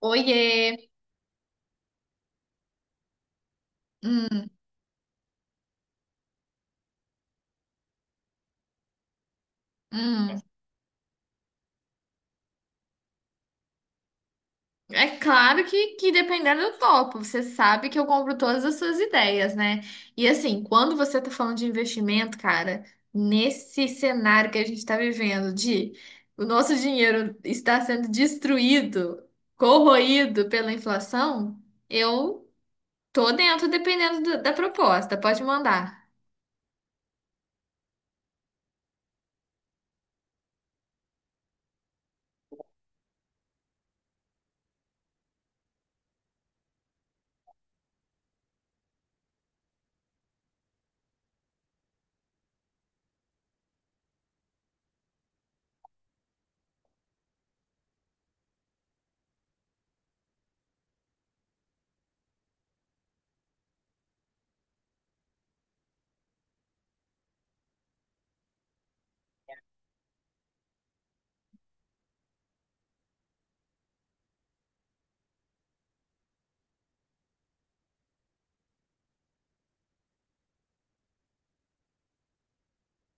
Oiê! Hum, hum. É claro que dependendo do topo, você sabe que eu compro todas as suas ideias, né? E assim, quando você tá falando de investimento, cara, nesse cenário que a gente tá vivendo, de o nosso dinheiro está sendo destruído, corroído pela inflação, eu tô dentro dependendo da proposta. Pode mandar.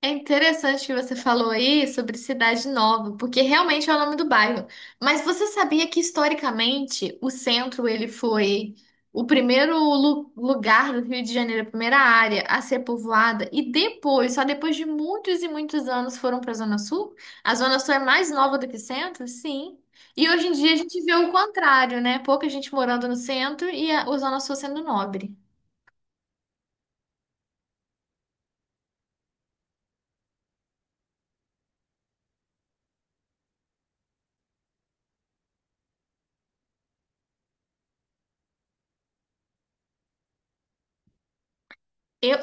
É interessante que você falou aí sobre Cidade Nova, porque realmente é o nome do bairro. Mas você sabia que historicamente o centro ele foi o primeiro lugar do Rio de Janeiro, a primeira área a ser povoada e depois, só depois de muitos e muitos anos foram para a Zona Sul? A Zona Sul é mais nova do que o centro? Sim. E hoje em dia a gente vê o contrário, né? Pouca gente morando no centro e a Zona Sul sendo nobre. Eu,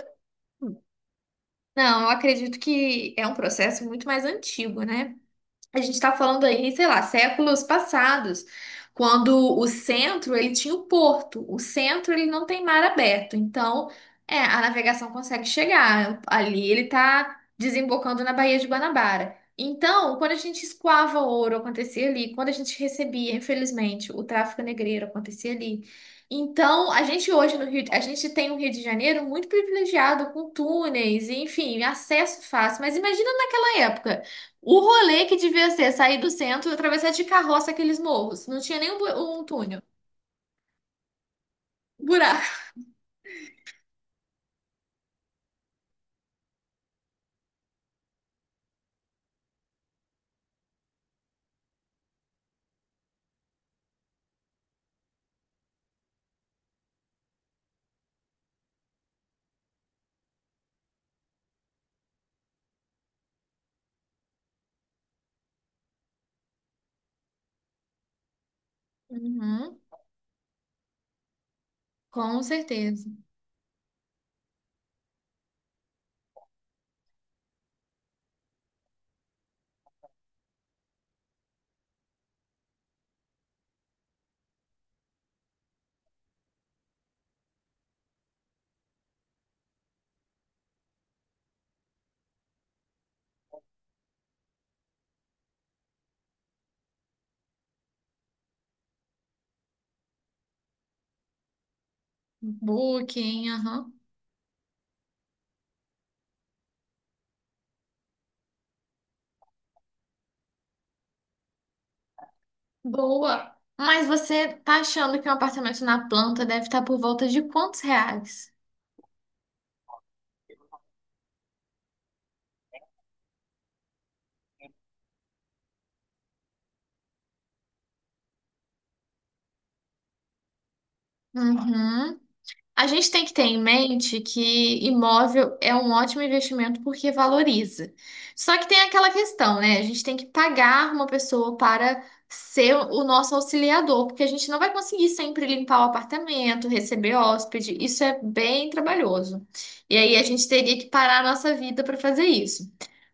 não, eu acredito que é um processo muito mais antigo, né? A gente está falando aí, sei lá, séculos passados, quando o centro ele tinha o porto. O centro ele não tem mar aberto, então a navegação consegue chegar ali. Ele está desembocando na Baía de Guanabara. Então, quando a gente escoava ouro, acontecia ali. Quando a gente recebia, infelizmente, o tráfico negreiro acontecia ali. Então, a gente hoje no Rio, a gente tem um Rio de Janeiro muito privilegiado com túneis e, enfim, acesso fácil. Mas imagina naquela época. O rolê que devia ser sair do centro e atravessar de carroça aqueles morros. Não tinha nem um, um túnel. Buraco. Uhum, com certeza. Booking, aham. Boa. Mas você tá achando que um apartamento na planta deve estar por volta de quantos reais? Uhum. A gente tem que ter em mente que imóvel é um ótimo investimento porque valoriza. Só que tem aquela questão, né? A gente tem que pagar uma pessoa para ser o nosso auxiliador, porque a gente não vai conseguir sempre limpar o apartamento, receber hóspede. Isso é bem trabalhoso. E aí a gente teria que parar a nossa vida para fazer isso.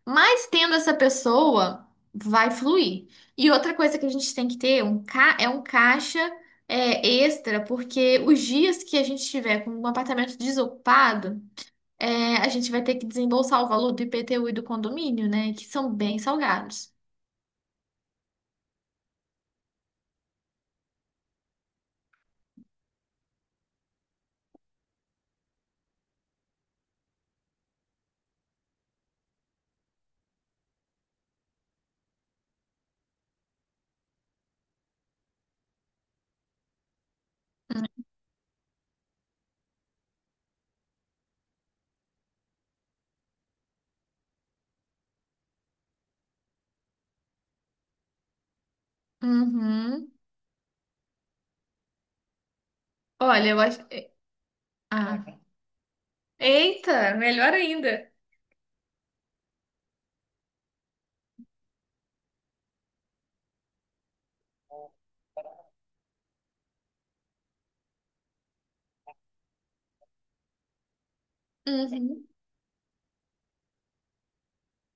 Mas tendo essa pessoa, vai fluir. E outra coisa que a gente tem que ter um caixa extra, porque os dias que a gente tiver com um apartamento desocupado, a gente vai ter que desembolsar o valor do IPTU e do condomínio, né? Que são bem salgados. Uhum. Olha, eu acho. Ah. Eita, melhor ainda. Uhum.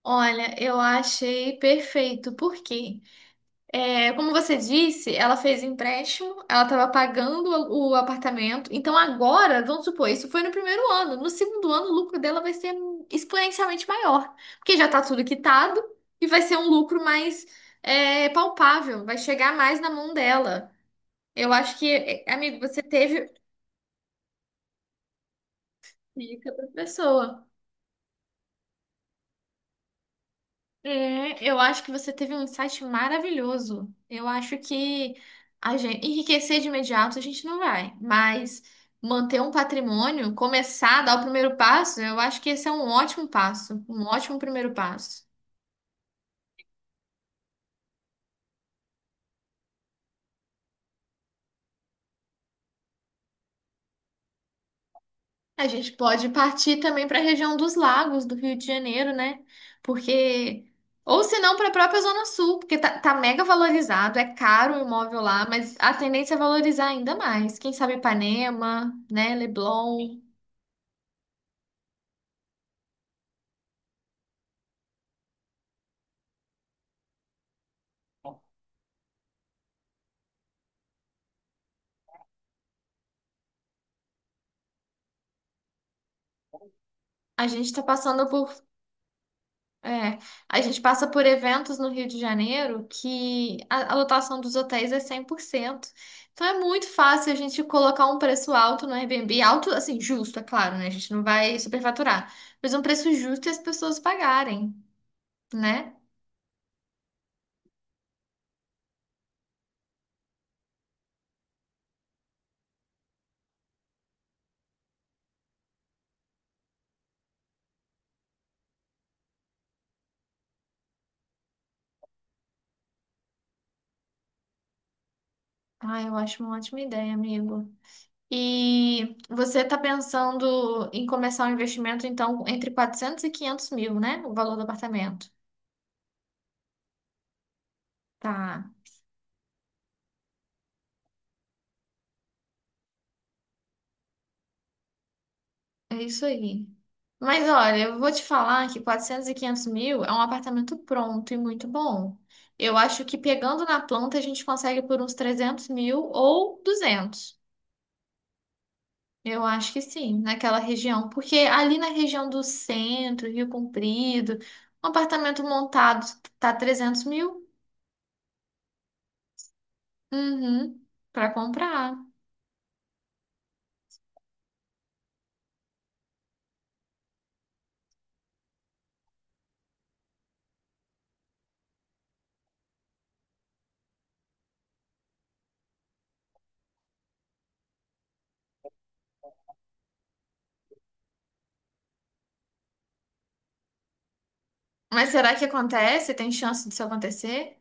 Olha, eu achei perfeito. Por quê? É, como você disse, ela fez empréstimo, ela estava pagando o apartamento. Então agora, vamos supor, isso foi no primeiro ano. No segundo ano, o lucro dela vai ser exponencialmente maior, porque já está tudo quitado e vai ser um lucro mais palpável, vai chegar mais na mão dela. Eu acho que, amigo, você teve dica para pessoa. É, eu acho que você teve um insight maravilhoso. Eu acho que a gente enriquecer de imediato a gente não vai, mas manter um patrimônio, começar a dar o primeiro passo, eu acho que esse é um ótimo passo, um ótimo primeiro passo. A gente pode partir também para a região dos lagos do Rio de Janeiro, né? Porque ou se não para a própria Zona Sul, porque tá mega valorizado, é caro o imóvel lá, mas a tendência é valorizar ainda mais. Quem sabe Ipanema, né? Leblon. A gente está passando por. é, a gente passa por eventos no Rio de Janeiro que a lotação dos hotéis é 100%. Então é muito fácil a gente colocar um preço alto no Airbnb, alto, assim, justo, é claro, né? A gente não vai superfaturar, mas um preço justo e as pessoas pagarem, né? Ah, eu acho uma ótima ideia, amigo. E você está pensando em começar um investimento, então, entre 400 e 500 mil, né? O valor do apartamento. Tá. É isso aí. Mas olha, eu vou te falar que 400 e 500 mil é um apartamento pronto e muito bom. Eu acho que pegando na planta a gente consegue por uns 300 mil ou 200. Eu acho que sim, naquela região. Porque ali na região do centro, Rio Comprido, um apartamento montado tá 300 mil? Uhum, para comprar. Mas será que acontece? Tem chance disso acontecer?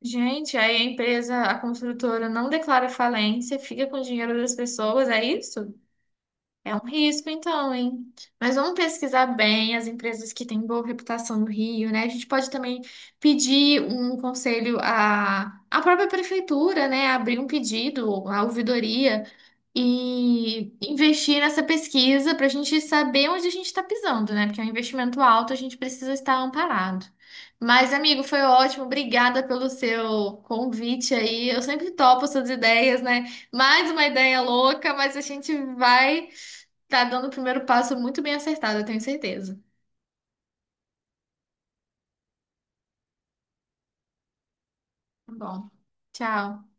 Gente, aí a empresa, a construtora não declara falência, fica com o dinheiro das pessoas, é isso? É um risco, então, hein? Mas vamos pesquisar bem as empresas que têm boa reputação no Rio, né? A gente pode também pedir um conselho à, à própria prefeitura, né? Abrir um pedido à ouvidoria e investir nessa pesquisa para a gente saber onde a gente está pisando, né? Porque é um investimento alto, a gente precisa estar amparado. Mas, amigo, foi ótimo. Obrigada pelo seu convite aí. Eu sempre topo suas ideias, né? Mais uma ideia louca, mas a gente vai. Tá dando o primeiro passo muito bem acertado, eu tenho certeza. Tá bom. Tchau.